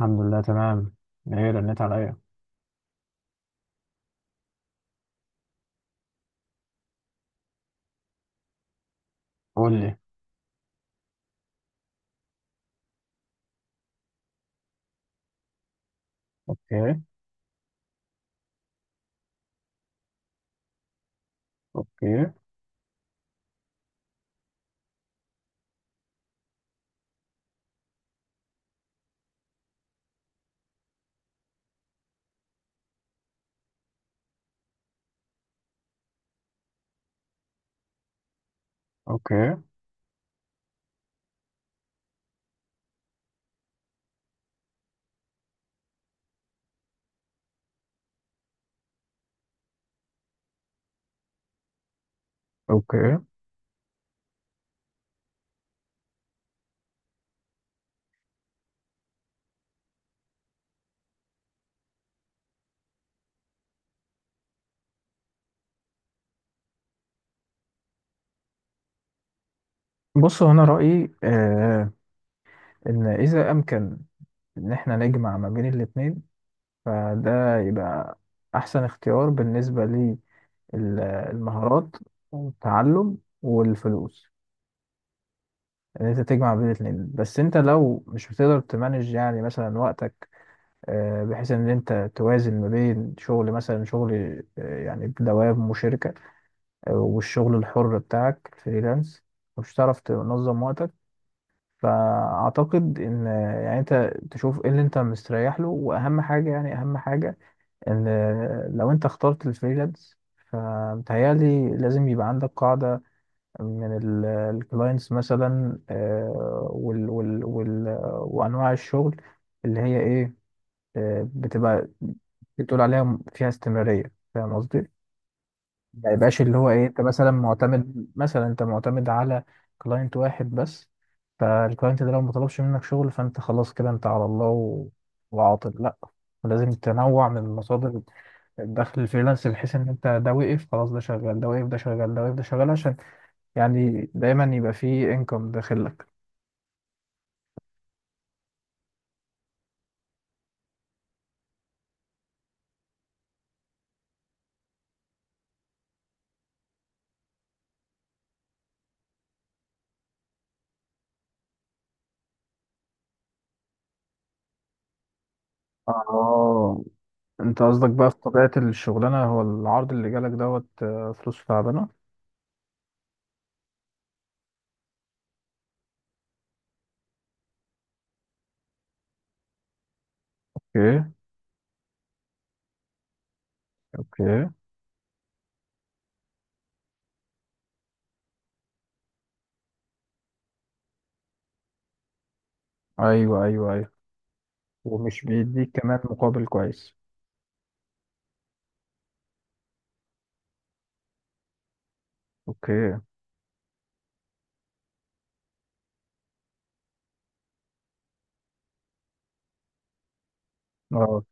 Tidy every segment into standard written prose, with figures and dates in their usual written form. الحمد لله تمام. ايه رنيت عليا؟ قول لي. اوكي. اوكي. اوكي. اوكي. بص، هو انا رايي ان اذا امكن ان احنا نجمع ما بين الاثنين، فده يبقى احسن اختيار بالنسبه للمهارات والتعلم والفلوس، ان انت تجمع بين الاثنين. بس انت لو مش بتقدر تمانج، يعني مثلا وقتك بحيث ان انت توازن ما بين شغل، مثلا شغل يعني بدوام وشركه، والشغل الحر بتاعك فريلانس، مش هتعرف تنظم وقتك. فأعتقد إن يعني أنت تشوف إيه اللي أنت مستريح له، وأهم حاجة يعني أهم حاجة إن لو أنت اخترت الفريلانس، فمتهيألي لازم يبقى عندك قاعدة من الكلاينتس مثلا، وال وال وال وأنواع الشغل اللي هي إيه، بتبقى بتقول عليها فيها استمرارية. فاهم قصدي؟ ما يبقاش اللي هو ايه انت مثلا معتمد، مثلا انت معتمد على كلاينت واحد بس. فالكلاينت ده لو ما طلبش منك شغل، فانت خلاص كده انت على الله وعاطل، لا. ولازم تنوع من مصادر الدخل الفريلانس، بحيث ان انت ده وقف، خلاص ده شغال، ده وقف، ده شغال، ده وقف، ده شغال، عشان يعني دايما يبقى فيه انكم داخل لك. اه، انت قصدك بقى في طبيعة الشغلانة هو العرض اللي جالك دوت فلوس تعبانة. اوكي. اوكي. ايوه، ايوه. ومش بيديك كمان مقابل كويس. اوكي. اه،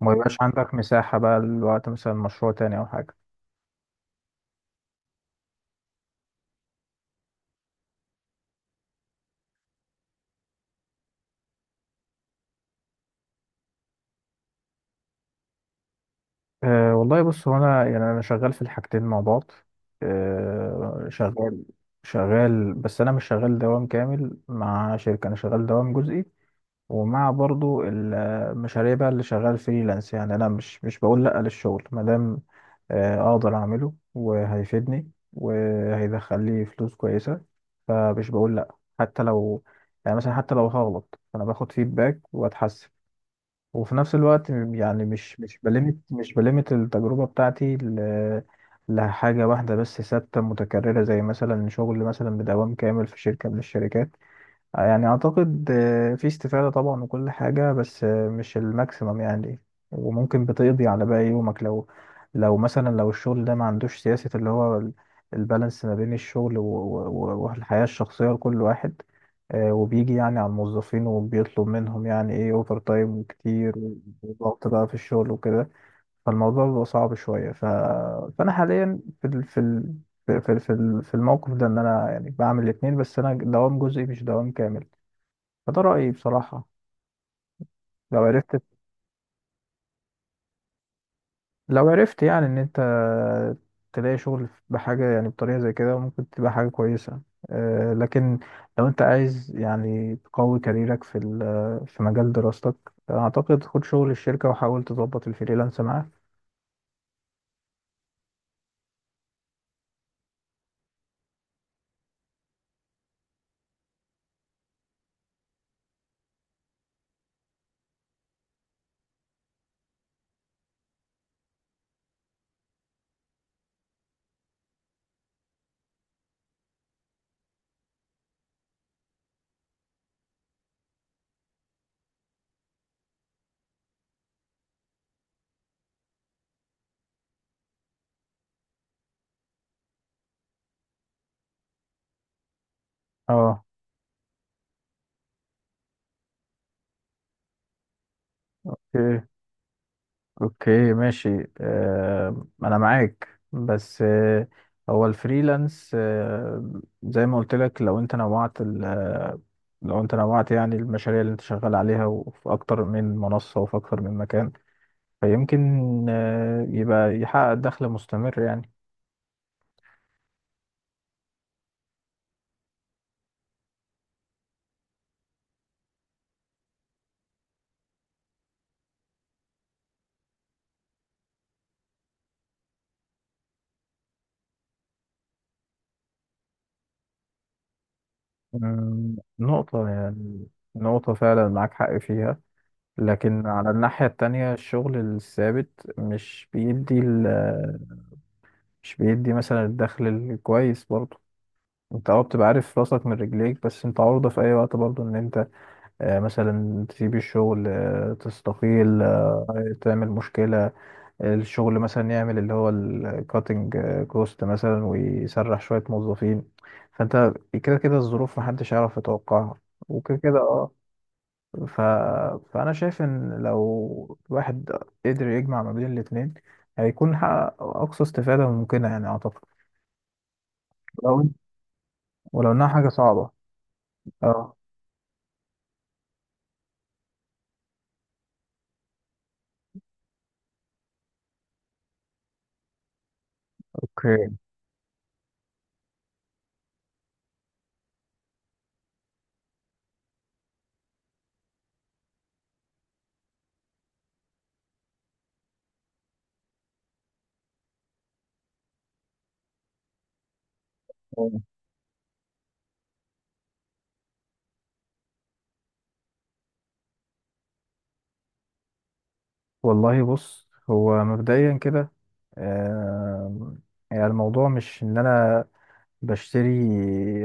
ما يبقاش عندك مساحة بقى لوقت مثلا مشروع تاني او حاجة. أه والله، بص هو انا يعني انا شغال في الحاجتين مع بعض. أه شغال. شغال بس انا مش شغال دوام كامل مع شركة، انا شغال دوام جزئي، ومع برضو المشاريع بقى اللي شغال فريلانس. يعني انا مش بقول لا للشغل ما دام اقدر اعمله وهيفيدني وهيدخل لي فلوس كويسه. فمش بقول لا، حتى لو يعني مثلا حتى لو هغلط، فانا باخد فيدباك واتحسن. وفي نفس الوقت يعني مش مش بلمت مش بلمت التجربه بتاعتي لحاجه واحده بس ثابته متكرره، زي مثلا شغل مثلا بدوام كامل في شركه من الشركات. يعني اعتقد في استفادة طبعا وكل حاجة، بس مش الماكسيمم يعني. وممكن بتقضي على باقي يومك، لو الشغل ده ما عندوش سياسة اللي هو البالانس ما بين الشغل والحياة الشخصية لكل واحد. وبيجي يعني على الموظفين، وبيطلب منهم يعني ايه اوفر تايم كتير وضغط بقى في الشغل وكده. فالموضوع بيبقى صعب شوية، فأنا حاليا في ال... في ال... في في في في الموقف ده، ان انا يعني بعمل الاثنين، بس انا دوام جزئي مش دوام كامل. فده رأيي بصراحة. لو عرفت، لو عرفت يعني إن أنت تلاقي شغل بحاجة يعني بطريقة زي كده، ممكن تبقى حاجة كويسة. لكن لو أنت عايز يعني تقوي كاريرك في مجال دراستك، أعتقد خد شغل الشركة وحاول تظبط الفريلانس معاه. اه. اوكي، ماشي. انا معاك بس، هو الفريلانس، زي ما قلت لك، لو انت نوعت يعني المشاريع اللي انت شغال عليها، وفي اكتر من منصة وفي اكتر من مكان، فيمكن يبقى يحقق دخل مستمر يعني. نقطة يعني. نقطة فعلا معاك حق فيها. لكن على الناحية التانية الشغل الثابت مش بيدي مثلا الدخل الكويس برضه. انت بتبقى عارف راسك من رجليك، بس انت عرضة في اي وقت برضو ان انت، مثلا تسيب الشغل، تستقيل، تعمل مشكلة. الشغل مثلا يعمل اللي هو الكاتنج كوست مثلا ويسرح شوية موظفين. فانت كده كده الظروف محدش يعرف يتوقعها، وكده كده اه. ف... فانا شايف ان لو الواحد قدر يجمع ما بين الاتنين، هيكون حقق اقصى استفادة ممكنة يعني اعتقد. لو ولو انها حاجة صعبة. اه. اوكي. والله، بص هو مبدئيا كده. آم، يعني الموضوع مش ان انا بشتري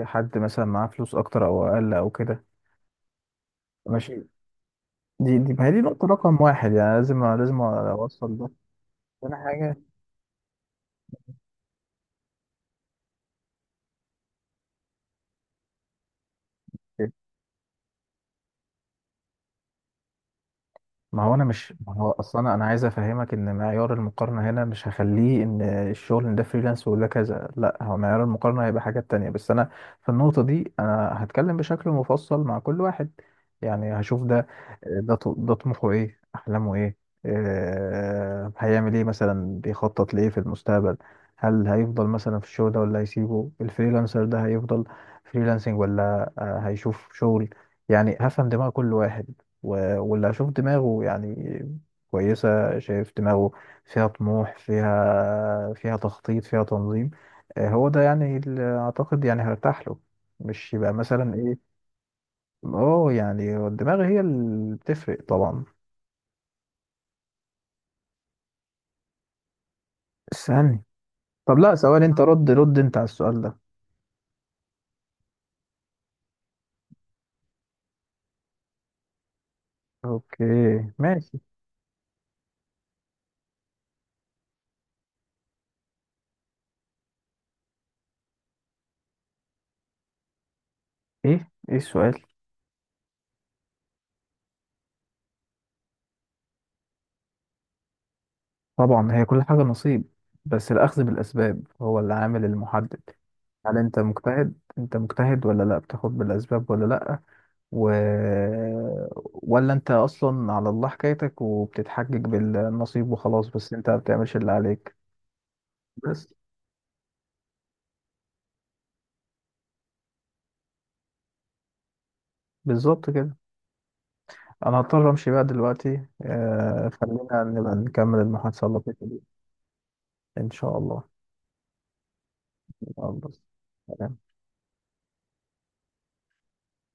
حد مثلا معاه فلوس اكتر او اقل او كده. ماشي. دي دي ما هي دي نقطة رقم واحد، يعني لازم اوصل ده. تاني حاجة. ما هو اصلا انا عايز افهمك ان معيار المقارنه هنا مش هخليه ان الشغل إن ده فريلانس ولا كذا، لا هو معيار المقارنه هيبقى حاجات تانية. بس انا في النقطه دي انا هتكلم بشكل مفصل مع كل واحد. يعني هشوف ده طموحه ايه، احلامه ايه، هيعمل ايه مثلا، بيخطط لايه في المستقبل، هل هيفضل مثلا في الشغل ده ولا هيسيبه، الفريلانسر ده هيفضل فريلانسنج ولا هيشوف شغل. يعني هفهم دماغ كل واحد، واللي هشوف دماغه يعني كويسة، شايف دماغه فيها طموح، فيها تخطيط، فيها تنظيم. هو ده يعني اللي أعتقد يعني هرتاح له، مش يبقى مثلا إيه. اه يعني هو الدماغ هي اللي بتفرق طبعا. استني. طب، لا سؤال، انت رد رد انت على السؤال ده. اوكي. ماشي. ايه السؤال؟ طبعا هي كل حاجة نصيب، بس الأخذ بالأسباب هو العامل المحدد. هل انت مجتهد؟ انت مجتهد ولا لا؟ بتاخد بالأسباب ولا لا؟ و... ولا انت اصلا على الله حكايتك، وبتتحجج بالنصيب وخلاص، بس انت ما بتعملش اللي عليك. بس. بالظبط كده. انا هضطر امشي بقى دلوقتي، خلينا نبقى نكمل المحادثة اللطيفة دي. ان شاء الله. الله.